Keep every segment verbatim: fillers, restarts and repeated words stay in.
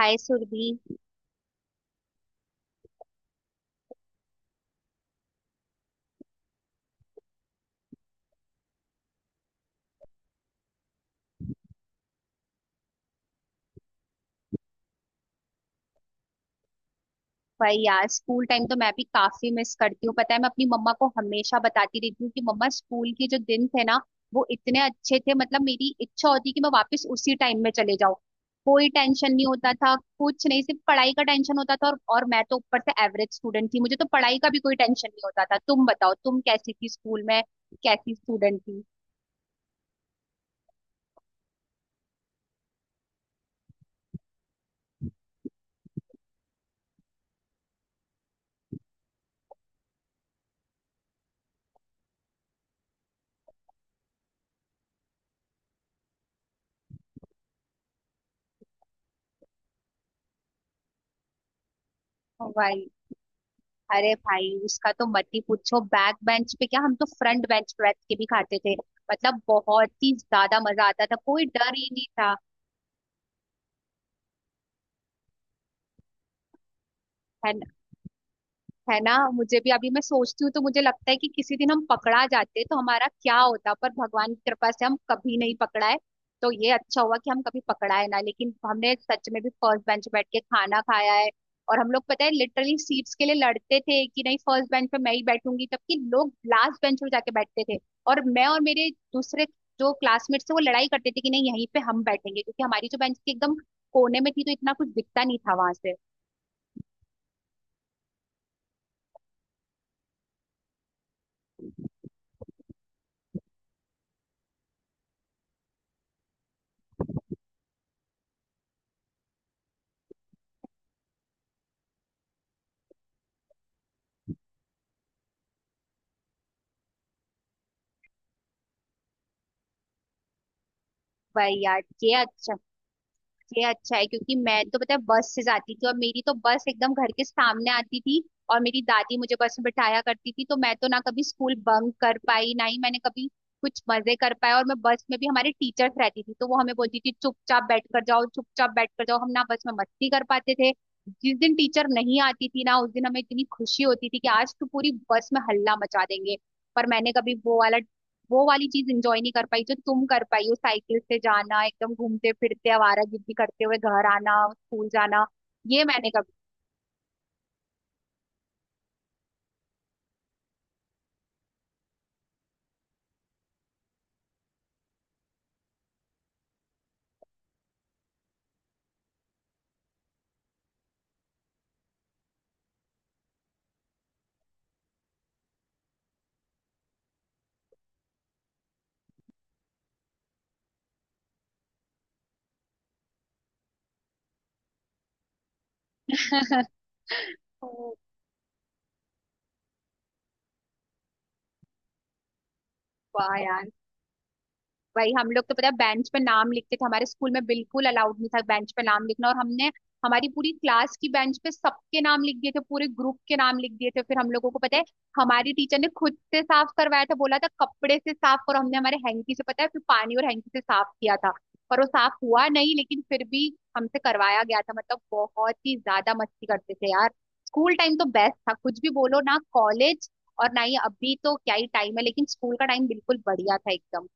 हाय सुरभि। भाई यार, school time तो मैं भी काफी मिस करती हूँ। पता है, मैं अपनी मम्मा को हमेशा बताती रहती हूँ कि मम्मा स्कूल के जो दिन थे ना, वो इतने अच्छे थे। मतलब मेरी इच्छा होती कि मैं वापस उसी टाइम में चले जाऊँ। कोई टेंशन नहीं होता था, कुछ नहीं, सिर्फ पढ़ाई का टेंशन होता था। और, और मैं तो ऊपर से एवरेज स्टूडेंट थी, मुझे तो पढ़ाई का भी कोई टेंशन नहीं होता था। तुम बताओ, तुम कैसी थी स्कूल में, कैसी स्टूडेंट थी। ओ भाई, अरे भाई, उसका तो मत ही पूछो। बैक बेंच पे क्या, हम तो फ्रंट बेंच पे बैठ के भी खाते थे। मतलब बहुत ही ज्यादा मजा आता था, कोई डर ही नहीं था। है। है ना, मुझे भी, अभी मैं सोचती हूँ तो मुझे लगता है कि किसी दिन हम पकड़ा जाते तो हमारा क्या होता, पर भगवान की कृपा से हम कभी नहीं पकड़ाए। तो ये अच्छा हुआ कि हम कभी पकड़ाए ना। लेकिन हमने सच में भी फर्स्ट बेंच बैठ के खाना खाया है। और हम लोग, पता है, लिटरली सीट्स के लिए लड़ते थे कि नहीं, फर्स्ट बेंच पे मैं ही बैठूंगी, जबकि लोग लास्ट बेंच पे जाके बैठते थे। और मैं और मेरे दूसरे जो क्लासमेट्स थे, वो लड़ाई करते थे कि नहीं, यहीं पे हम बैठेंगे, क्योंकि हमारी जो बेंच थी एकदम कोने में थी, तो इतना कुछ दिखता नहीं था वहां से। भाई यार, ये अच्छा। ये अच्छा है, क्योंकि मैं तो, पता है, बस से जाती थी, और मेरी तो बस एकदम घर के सामने आती थी। और मेरी दादी मुझे बस में बिठाया करती थी, तो मैं तो ना कभी स्कूल बंक कर पाई, ना ही मैंने कभी कुछ मजे कर पाए। और मैं, बस में भी हमारे टीचर्स रहती थी, तो वो हमें बोलती थी चुपचाप बैठ कर जाओ, चुपचाप बैठ कर जाओ। हम ना बस में मस्ती कर पाते थे। जिस दिन टीचर नहीं आती थी ना, उस दिन हमें इतनी खुशी होती थी कि आज तो पूरी बस में हल्ला मचा देंगे। पर मैंने कभी वो वाला वो वाली चीज इंजॉय नहीं कर पाई, जो तुम कर पाई हो। साइकिल से जाना, एकदम घूमते फिरते आवारागर्दी करते हुए घर आना, स्कूल जाना, ये मैंने कभी ओ वाह यार। वही, हम लोग तो, पता है, बेंच पे नाम लिखते थे। हमारे स्कूल में बिल्कुल अलाउड नहीं था बेंच पे नाम लिखना, और हमने हमारी पूरी क्लास की बेंच पे सबके नाम लिख दिए थे, पूरे ग्रुप के नाम लिख दिए थे। फिर हम लोगों को, पता है, हमारी टीचर ने खुद से साफ करवाया था, बोला था कपड़े से साफ करो। हमने हमारे हैंकी से, पता है, फिर पानी और हैंकी से साफ किया था। पर वो साफ हुआ नहीं, लेकिन फिर भी हमसे करवाया गया था। मतलब बहुत ही ज्यादा मस्ती करते थे यार। स्कूल टाइम तो बेस्ट था, कुछ भी बोलो, ना कॉलेज और ना ही अभी तो क्या ही टाइम है, लेकिन स्कूल का टाइम बिल्कुल बढ़िया था, एकदम।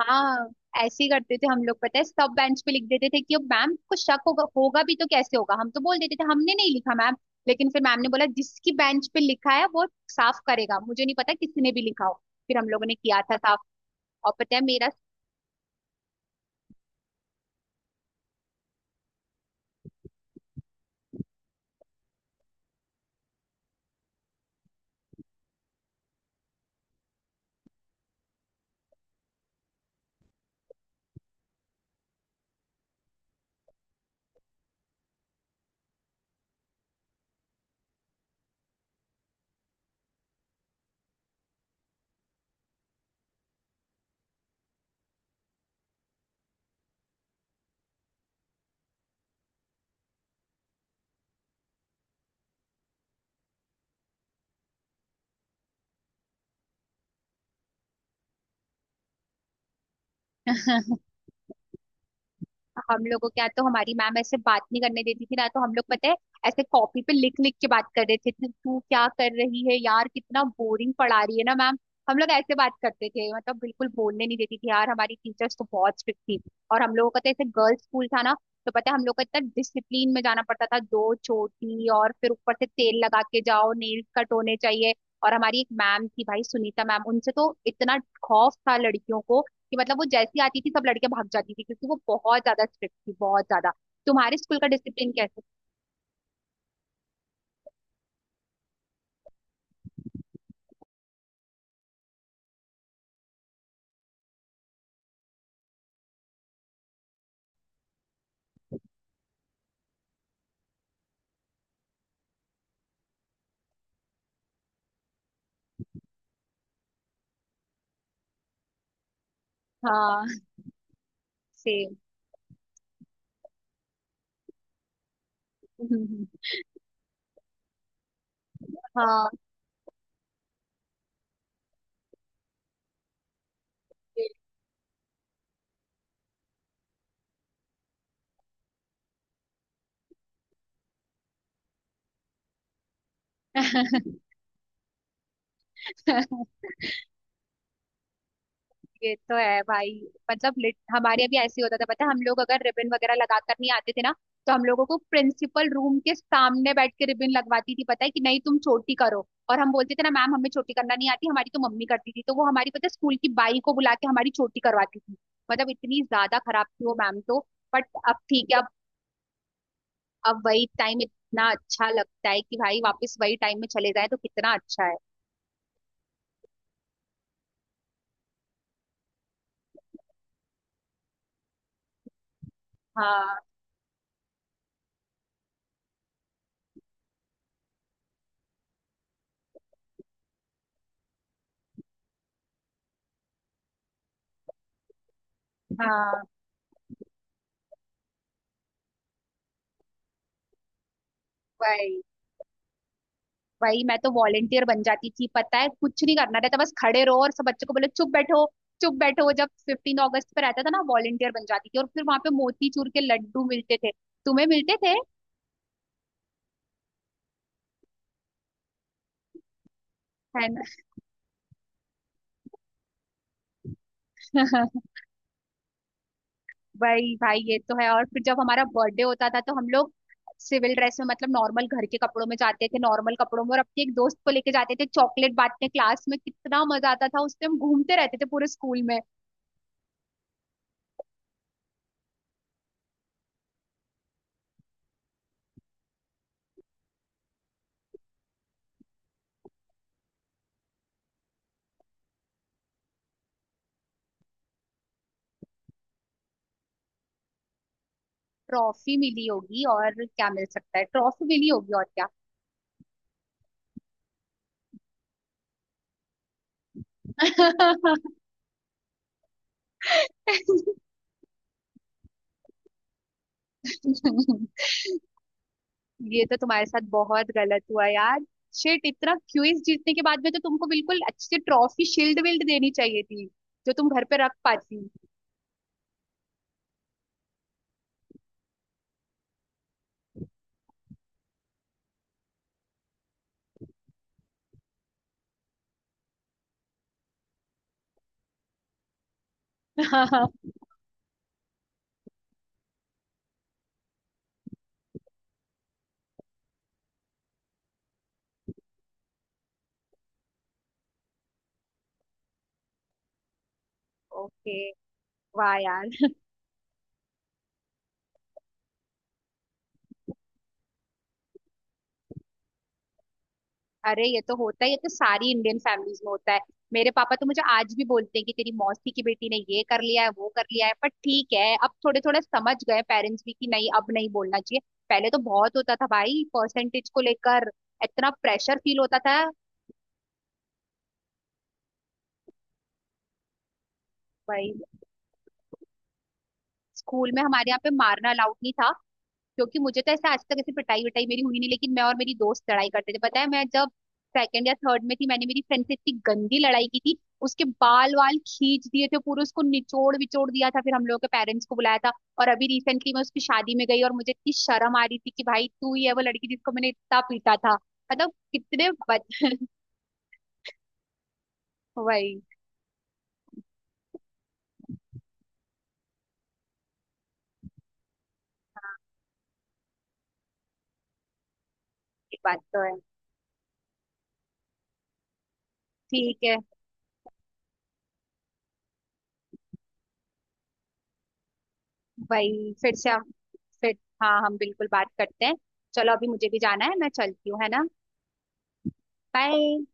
हाँ, ऐसे ही करते थे हम लोग। पता है, सब बेंच पे लिख देते थे कि अब मैम को शक होगा, होगा भी तो कैसे होगा, हम तो बोल देते थे हमने नहीं लिखा मैम। लेकिन फिर मैम ने बोला जिसकी बेंच पे लिखा है वो साफ करेगा, मुझे नहीं पता किसने भी लिखा हो। फिर हम लोगों ने किया था साफ। और पता है मेरा हम लोगों के यहाँ तो हमारी मैम ऐसे बात नहीं करने देती थी ना, तो हम लोग, पता है, ऐसे कॉपी पे लिख लिख के बात कर रहे थे, तू तू क्या कर रही है यार, कितना बोरिंग पढ़ा रही है ना मैम। हम लोग ऐसे बात करते थे। मतलब बिल्कुल बोलने नहीं देती थी यार, हमारी टीचर्स तो बहुत स्ट्रिक्ट थी। और हम लोगों का तो ऐसे गर्ल्स स्कूल था ना, तो पता है हम लोग को इतना डिसिप्लिन में जाना पड़ता था, दो चोटी और फिर ऊपर से तेल लगा के जाओ, नेल कट होने चाहिए। और हमारी एक मैम थी भाई, सुनीता मैम, उनसे तो इतना खौफ था लड़कियों को कि, मतलब, वो जैसी आती थी सब लड़के भाग जाती थी, क्योंकि वो बहुत ज्यादा स्ट्रिक्ट थी, बहुत ज्यादा। तुम्हारे स्कूल का डिसिप्लिन कैसे। हाँ, सेम। हाँ ये तो है भाई। मतलब लिट, हमारे यहाँ भी ऐसे ही होता था। पता है, हम लोग अगर रिबन वगैरह लगा कर नहीं आते थे ना, तो हम लोगों को प्रिंसिपल रूम के सामने बैठ के रिबन लगवाती थी। पता है कि नहीं, तुम छोटी करो, और हम बोलते थे ना, मैम हमें छोटी करना नहीं आती, हमारी तो मम्मी करती थी, तो वो हमारी, पता है, स्कूल की बाई को बुला के हमारी छोटी करवाती थी। मतलब इतनी ज्यादा खराब थी वो मैम तो। बट अब ठीक है, अब अब वही टाइम इतना अच्छा लगता है कि भाई वापस वही टाइम में चले जाए तो कितना अच्छा है। हाँ। हाँ। वही। वही, मैं तो वॉलेंटियर बन जाती थी। पता है, कुछ नहीं करना रहता, बस खड़े रहो और सब बच्चों को बोलो चुप बैठो, चुप बैठो। जब फिफ्टीन अगस्त पे रहता था ना, वॉलेंटियर बन जाती थी, और फिर वहां पे मोती चूर के लड्डू मिलते थे। तुम्हें मिलते थे। है ना। भाई भाई, ये तो है। और फिर जब हमारा बर्थडे होता था, तो हम लोग सिविल ड्रेस में, मतलब नॉर्मल घर के कपड़ों में जाते थे, नॉर्मल कपड़ों में, और अपने एक दोस्त को लेके जाते थे चॉकलेट बांटने क्लास में। कितना मजा आता था उस टाइम, घूमते रहते थे पूरे स्कूल में। ट्रॉफी मिली होगी और क्या, मिल सकता है ट्रॉफी मिली होगी और क्या। ये तो तुम्हारे साथ बहुत गलत हुआ यार। शिट, इतना क्विज जीतने के बाद में तो तुमको बिल्कुल अच्छी ट्रॉफी शील्ड विल्ड देनी चाहिए थी, जो तुम घर पे रख पाती। ओके। वाह यार। अरे ये तो होता है, ये तो सारी इंडियन फैमिलीज में होता है। मेरे पापा तो मुझे आज भी बोलते हैं कि तेरी मौसी की बेटी ने ये कर लिया है, वो कर लिया है। पर ठीक है, अब थोड़े, थोड़ा समझ गए पेरेंट्स भी कि नहीं अब नहीं बोलना चाहिए। पहले तो बहुत होता था भाई, परसेंटेज को लेकर इतना प्रेशर फील होता था। वही, स्कूल में हमारे यहाँ पे मारना अलाउड नहीं था, क्योंकि मुझे तो ऐसा आज तक ऐसी पिटाई विटाई मेरी हुई नहीं। लेकिन मैं और मेरी दोस्त लड़ाई करते थे। पता है, मैं जब सेकंड या थर्ड में थी, मैंने मेरी फ्रेंड से इतनी गंदी लड़ाई की थी, उसके बाल वाल खींच दिए थे पूरे, उसको निचोड़ विचोड़ दिया था, फिर हम लोगों के पेरेंट्स को बुलाया था। और अभी रिसेंटली मैं उसकी शादी में गई, और मुझे इतनी शर्म आ रही थी कि भाई, तू ही है वो लड़की जिसको मैंने इतना पीटा था। मतलब कितने बच वही। हाँ। ये बात तो है। ठीक है। भाई फिर से। फिर। हाँ, हम बिल्कुल बात करते हैं। चलो, अभी मुझे भी जाना है, मैं चलती हूँ, है ना। बाय।